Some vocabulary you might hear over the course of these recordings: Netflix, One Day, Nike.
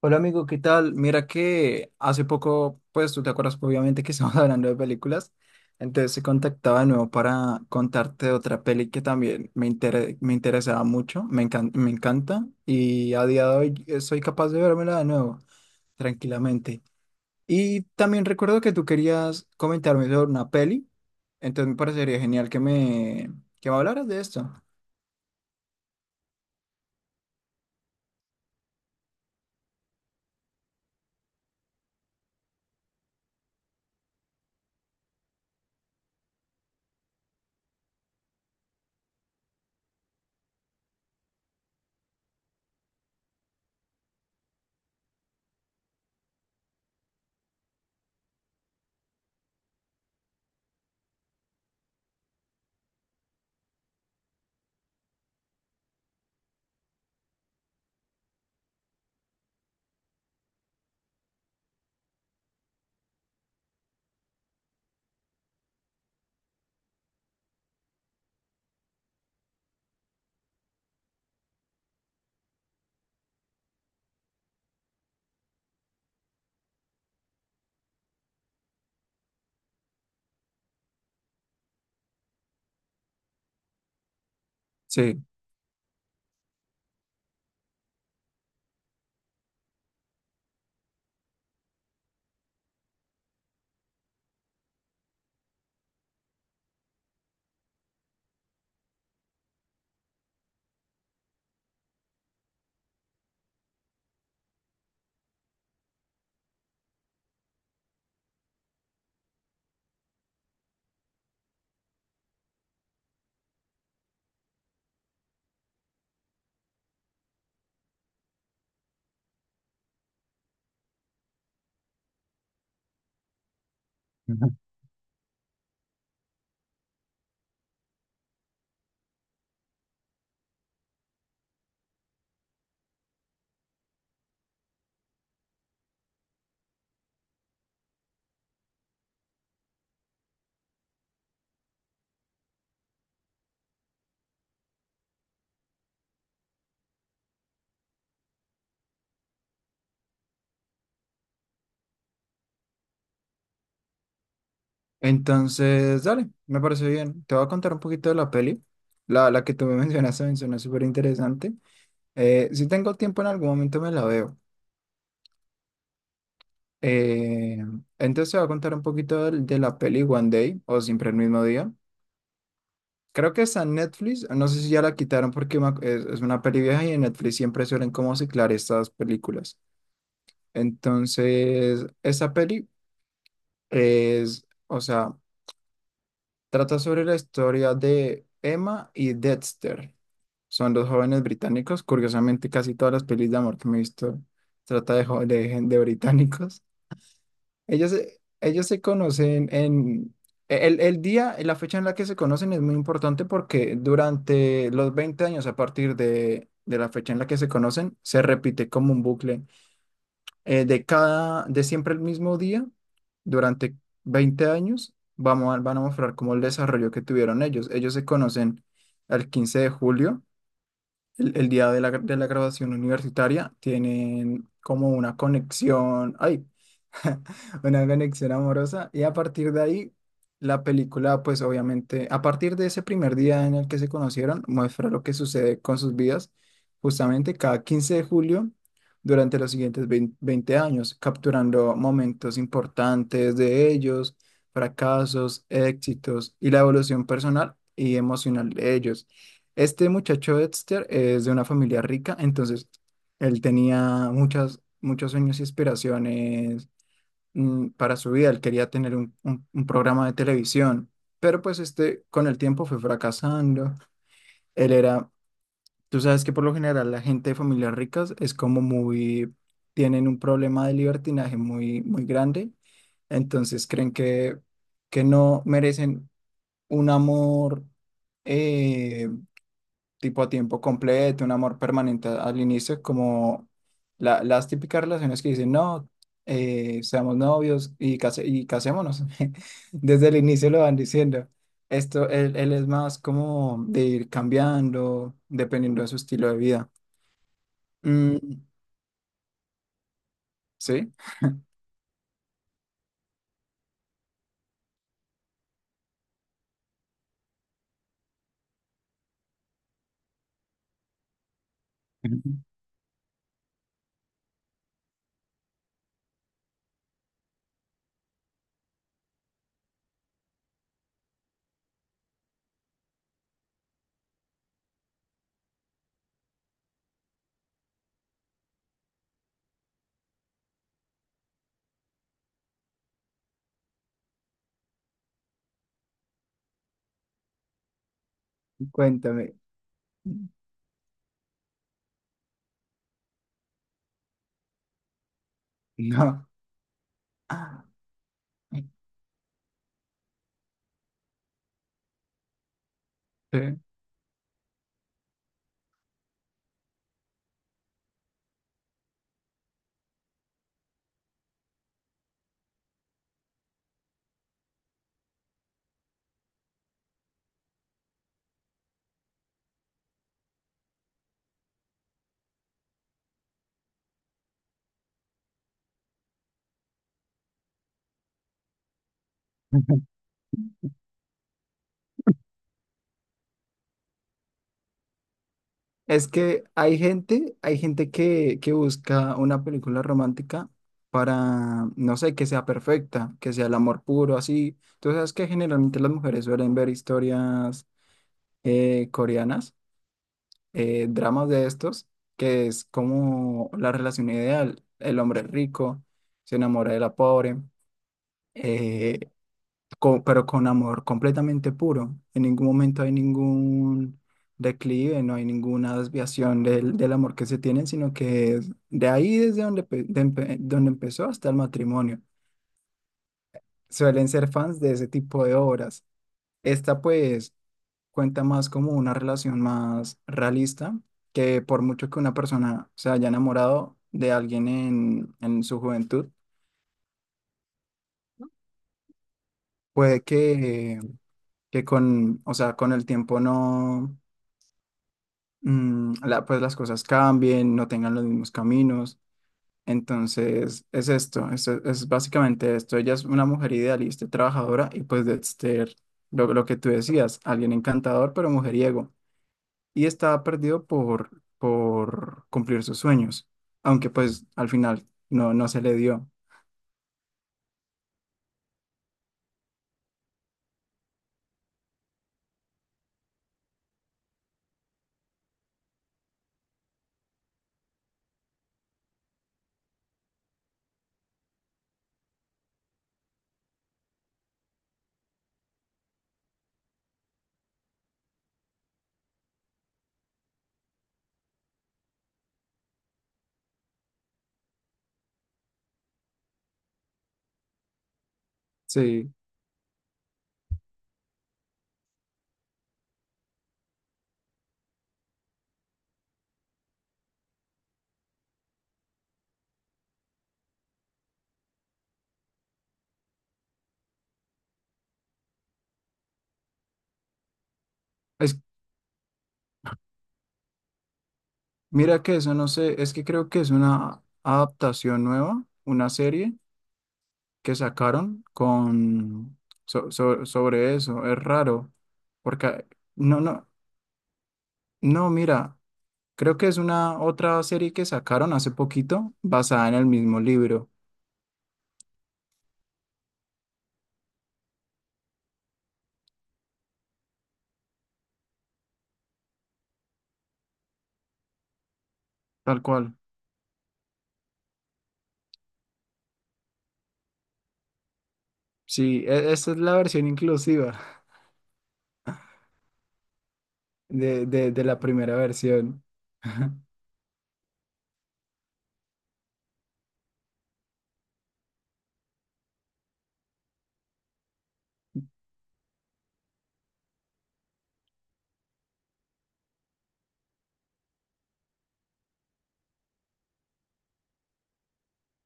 Hola amigo, ¿qué tal? Mira que hace poco, pues tú te acuerdas obviamente que estamos hablando de películas, entonces se contactaba de nuevo para contarte de otra peli que también me interesaba mucho, me encanta y a día de hoy soy capaz de vérmela de nuevo tranquilamente. Y también recuerdo que tú querías comentarme sobre una peli, entonces me parecería genial que me hablaras de esto. Sí. Entonces, dale, me parece bien. Te voy a contar un poquito de la peli. La que tú me mencionaste me suena súper interesante. Si tengo tiempo en algún momento me la veo. Eh, entonces te voy a contar un poquito de la peli One Day o Siempre el mismo día. Creo que está en Netflix. No sé si ya la quitaron porque es una peli vieja y en Netflix siempre suelen como ciclar estas películas. Entonces, esa peli es, o sea... Trata sobre la historia de Emma y Dexter. Son dos jóvenes británicos. Curiosamente, casi todas las pelis de amor que me he visto trata de, jo- de, gen- de británicos. Ellos se conocen en... El día, la fecha en la que se conocen es muy importante porque durante los 20 años a partir de la fecha en la que se conocen, se repite como un bucle de siempre el mismo día, durante 20 años, van a mostrar como el desarrollo que tuvieron ellos. Ellos se conocen el 15 de julio, el día de de la graduación universitaria, tienen como una conexión, ay, una conexión amorosa. Y a partir de ahí, la película, pues obviamente, a partir de ese primer día en el que se conocieron, muestra lo que sucede con sus vidas, justamente cada 15 de julio, durante los siguientes 20 años, capturando momentos importantes de ellos, fracasos, éxitos y la evolución personal y emocional de ellos. Este muchacho Dexter es de una familia rica, entonces él tenía muchos sueños y aspiraciones para su vida, él quería tener un programa de televisión, pero pues este con el tiempo fue fracasando, él era, tú sabes que por lo general la gente de familias ricas es como muy, tienen un problema de libertinaje muy, muy grande, entonces creen que no merecen un amor. eh, Tipo a tiempo completo, un amor permanente al inicio, como las típicas relaciones que dicen, no, seamos novios y, casémonos. Desde el inicio lo van diciendo. Esto, él es más como de ir cambiando, dependiendo de su estilo de vida. Mm, ¿sí? Cuéntame. No. Sí. Es que hay gente que busca una película romántica para, no sé, que sea perfecta, que sea el amor puro, así. Tú sabes que generalmente las mujeres suelen ver historias coreanas, dramas de estos, que es como la relación ideal. El hombre rico se enamora de la pobre, eh, pero con amor completamente puro. En ningún momento hay ningún declive, no hay ninguna desviación del amor que se tienen, sino que es de ahí desde donde, donde empezó hasta el matrimonio. Suelen ser fans de ese tipo de obras. Esta pues cuenta más como una relación más realista, que por mucho que una persona se haya enamorado de alguien en su juventud, puede que con, o sea, con el tiempo no pues las cosas cambien, no tengan los mismos caminos. Entonces, es esto, es básicamente esto. Ella es una mujer idealista, y trabajadora y pues de ser lo que tú decías, alguien encantador pero mujeriego. Y estaba perdido por cumplir sus sueños, aunque pues al final no, no se le dio. Sí, es, mira que eso no sé, es que creo que es una adaptación nueva, una serie que sacaron con sobre eso. Es raro, porque a- no, no, no, mira, creo que es una otra serie que sacaron hace poquito basada en el mismo libro, tal cual. Sí, esa es la versión inclusiva de la primera versión.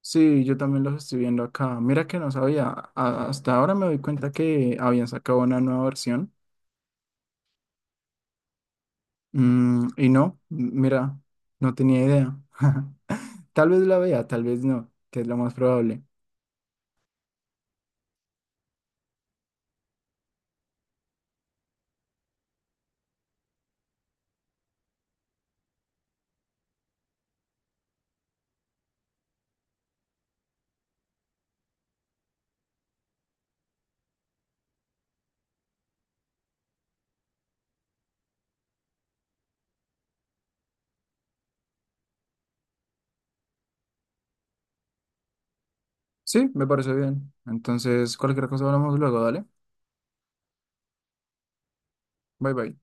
Sí, yo también los estoy viendo acá. Mira que no sabía, hasta ahora me doy cuenta que habían sacado una nueva versión. Y no, mira, no tenía idea. Tal vez la vea, tal vez no, que es lo más probable. Sí, me parece bien. Entonces, cualquier cosa hablamos luego, dale. Bye bye.